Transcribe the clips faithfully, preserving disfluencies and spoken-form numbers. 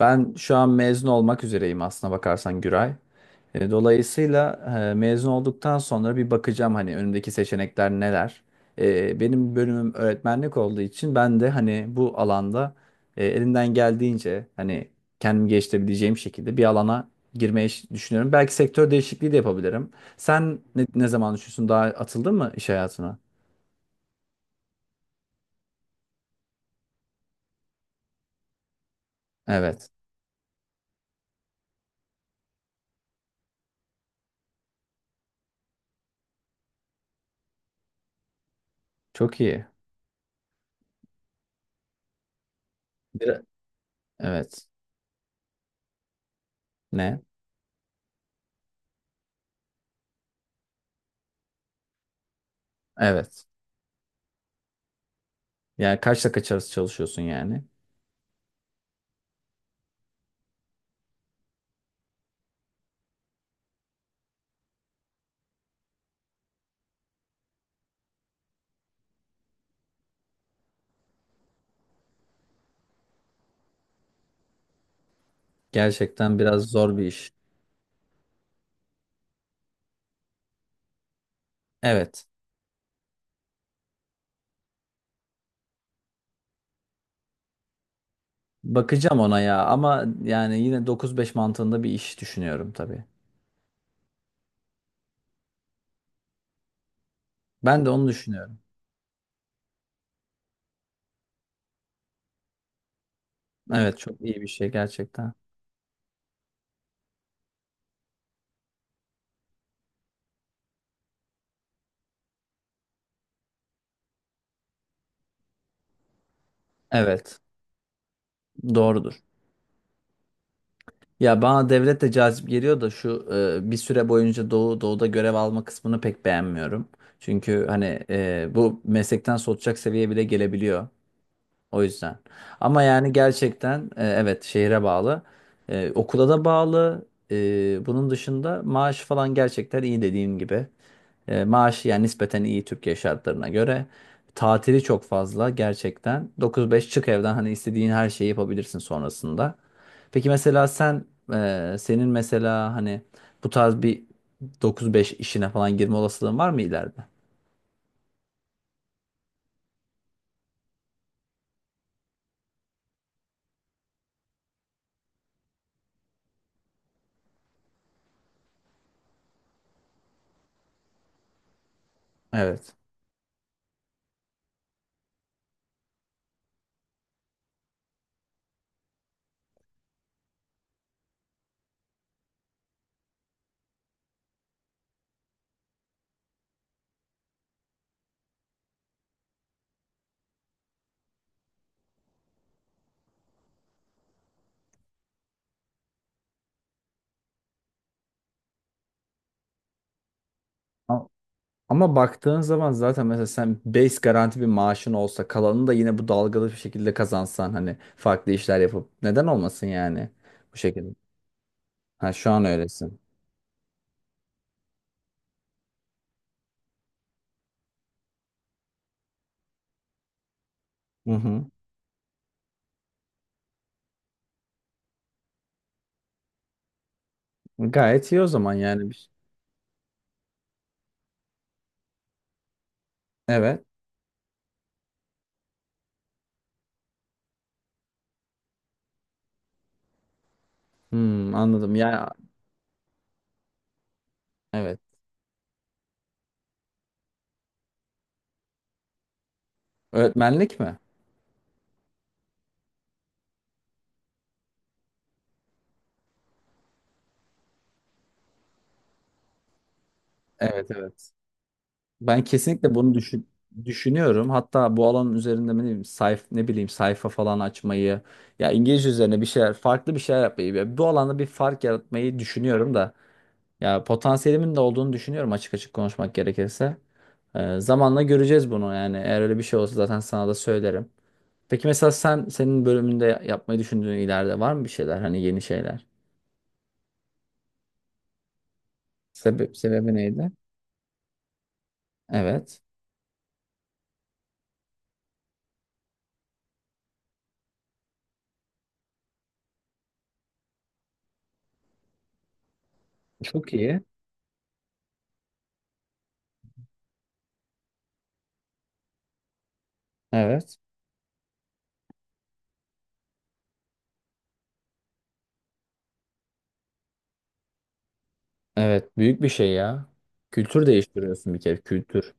Ben şu an mezun olmak üzereyim aslına bakarsan Güray. E, Dolayısıyla e, mezun olduktan sonra bir bakacağım hani önümdeki seçenekler neler. E, Benim bölümüm öğretmenlik olduğu için ben de hani bu alanda e, elimden geldiğince hani kendimi geliştirebileceğim şekilde bir alana girmeyi ş- düşünüyorum. Belki sektör değişikliği de yapabilirim. Sen ne, ne zaman düşünüyorsun? Daha atıldın mı iş hayatına? Evet. Çok iyi. Bir- Evet. Ne? Evet. Yani kaçla kaç arası çalışıyorsun yani? Gerçekten biraz zor bir iş. Evet. Bakacağım ona ya, ama yani yine dokuz beş mantığında bir iş düşünüyorum tabii. Ben de onu düşünüyorum. Evet, çok iyi bir şey gerçekten. Evet, doğrudur. Ya bana devlet de cazip geliyor da şu e, bir süre boyunca Doğu Doğu'da görev alma kısmını pek beğenmiyorum. Çünkü hani e, bu meslekten soğutacak seviyeye bile gelebiliyor. O yüzden. Ama yani gerçekten e, evet, şehre bağlı. E, okula da bağlı. E, bunun dışında maaş falan gerçekten iyi, dediğim gibi. E, maaş yani nispeten iyi, Türkiye şartlarına göre. Tatili çok fazla gerçekten. dokuz beş çık evden, hani istediğin her şeyi yapabilirsin sonrasında. Peki mesela sen, e, senin mesela hani bu tarz bir dokuz beş işine falan girme olasılığın var mı ileride? Evet. Ama baktığın zaman zaten mesela sen base garanti bir maaşın olsa, kalanını da yine bu dalgalı bir şekilde kazansan, hani farklı işler yapıp neden olmasın yani bu şekilde. Ha, şu an öylesin. Hı hı. Gayet iyi o zaman yani. Bir- şey. Evet. Hmm, anladım. Ya, evet. Öğretmenlik mi? Evet, evet. Ben kesinlikle bunu düşün düşünüyorum. Hatta bu alanın üzerinde, ne bileyim, sayf ne bileyim sayfa falan açmayı, ya İngilizce üzerine bir şeyler, farklı bir şeyler yapmayı, ya bu alanda bir fark yaratmayı düşünüyorum da. Ya, potansiyelimin de olduğunu düşünüyorum, açık açık konuşmak gerekirse. Ee, zamanla göreceğiz bunu yani. Eğer öyle bir şey olsa zaten sana da söylerim. Peki mesela sen, senin bölümünde yapmayı düşündüğün, ileride var mı bir şeyler, hani yeni şeyler? Sebep, sebebi neydi? Evet. Çok iyi. Evet. Evet, büyük bir şey ya. Kültür değiştiriyorsun bir kere, kültür.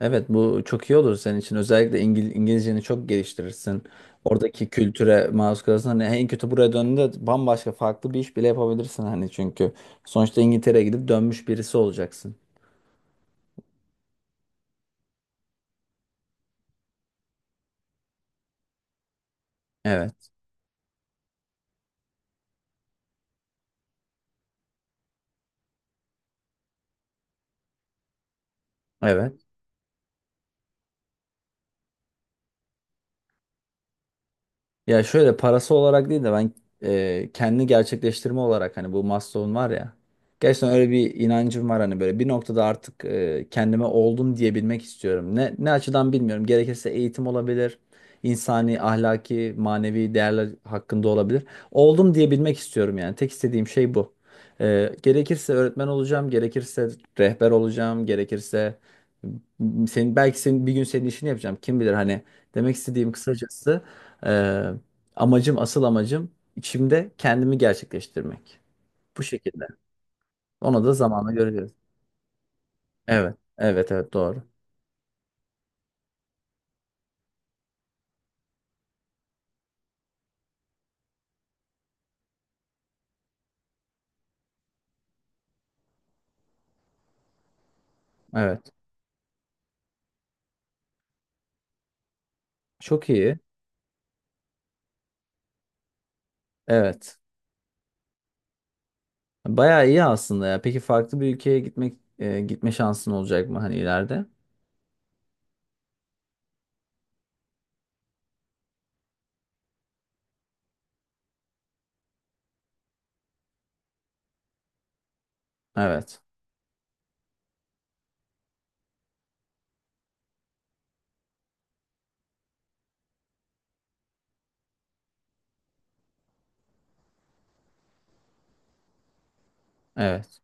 Evet, bu çok iyi olur senin için. Özellikle İngil İngilizceni çok geliştirirsin. Oradaki kültüre maruz kalırsın. Hani en kötü buraya döndüğünde bambaşka farklı bir iş bile yapabilirsin hani, çünkü sonuçta İngiltere'ye gidip dönmüş birisi olacaksın. Evet. Evet. Ya şöyle, parası olarak değil de ben e, kendi gerçekleştirme olarak, hani bu Maslow'un var ya. Gerçekten öyle bir inancım var, hani böyle bir noktada artık e, kendime oldum diyebilmek istiyorum. Ne, ne açıdan bilmiyorum. Gerekirse eğitim olabilir. İnsani, ahlaki, manevi değerler hakkında olabilir. Oldum diyebilmek istiyorum yani. Tek istediğim şey bu. E, gerekirse öğretmen olacağım, gerekirse rehber olacağım, gerekirse m- senin, belki senin bir gün senin işini yapacağım. Kim bilir, hani demek istediğim kısacası, e, amacım, asıl amacım içimde kendimi gerçekleştirmek. Bu şekilde. Onu da zamanla göreceğiz. Evet. Evet, evet, doğru. Evet. Çok iyi. Evet. Bayağı iyi aslında ya. Peki, farklı bir ülkeye gitmek e, gitme şansın olacak mı hani ileride? Evet. Evet.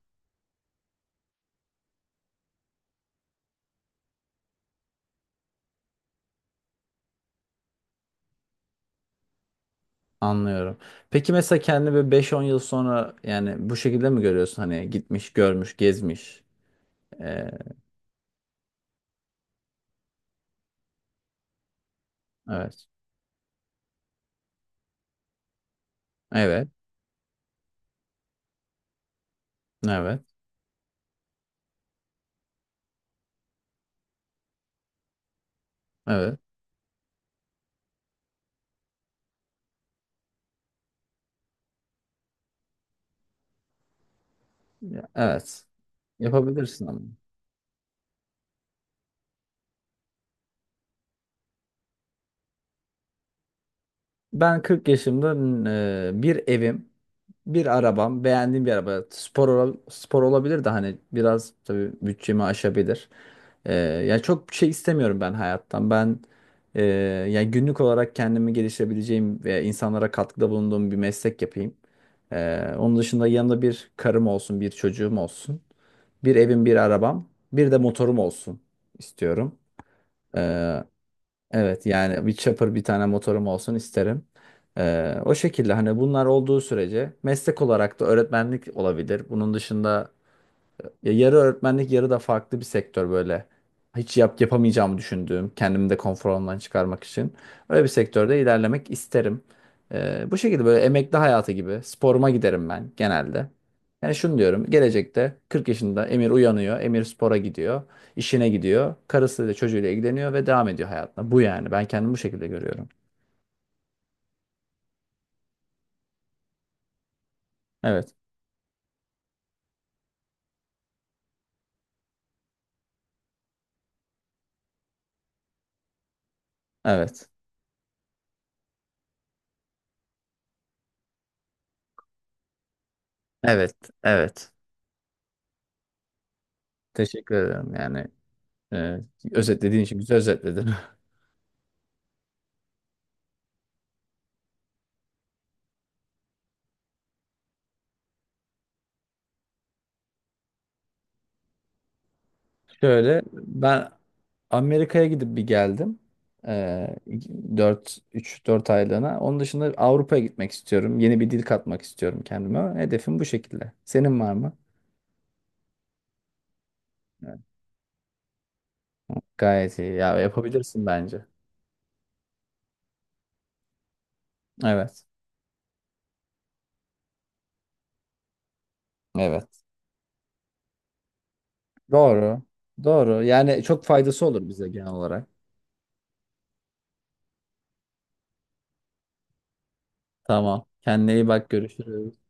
Anlıyorum. Peki mesela kendini böyle beş on yıl sonra yani bu şekilde mi görüyorsun, hani gitmiş, görmüş, gezmiş? E, evet. Evet. Evet. Evet. Ya, evet. Yapabilirsin ama. Ben kırk yaşımda e, bir evim, bir arabam, beğendiğim bir araba. Spor ola- spor olabilir de, hani biraz tabii bütçemi aşabilir. E, yani çok bir şey istemiyorum ben hayattan. Ben e, yani günlük olarak kendimi geliştirebileceğim ve insanlara katkıda bulunduğum bir meslek yapayım. E, onun dışında yanında bir karım olsun, bir çocuğum olsun, bir evim, bir arabam, bir de motorum olsun istiyorum. E, Evet, yani bir chopper, bir tane motorum olsun isterim. Ee, o şekilde hani bunlar olduğu sürece, meslek olarak da öğretmenlik olabilir. Bunun dışında ya yarı öğretmenlik yarı da farklı bir sektör, böyle hiç yap, yapamayacağımı düşündüğüm, kendimi de konfor alanından çıkarmak için öyle bir sektörde ilerlemek isterim. Ee, bu şekilde, böyle emekli hayatı gibi sporuma giderim ben genelde. Yani şunu diyorum, gelecekte kırk yaşında Emir uyanıyor, Emir spora gidiyor, işine gidiyor, karısıyla çocuğuyla ilgileniyor ve devam ediyor hayatına. Bu yani, ben kendimi bu şekilde görüyorum. Evet, evet, evet, evet. Teşekkür ederim yani. e, Özetlediğin için güzel özetledin. Şöyle ben Amerika'ya gidip bir geldim. Ee, dört üç dört aylığına. Onun dışında Avrupa'ya gitmek istiyorum. Yeni bir dil katmak istiyorum kendime. Hedefim bu şekilde. Senin var mı? Evet. Gayet iyi. Ya, yapabilirsin bence. Evet. Evet. Doğru. Doğru. Yani çok faydası olur bize genel olarak. Tamam. Kendine iyi bak. Görüşürüz.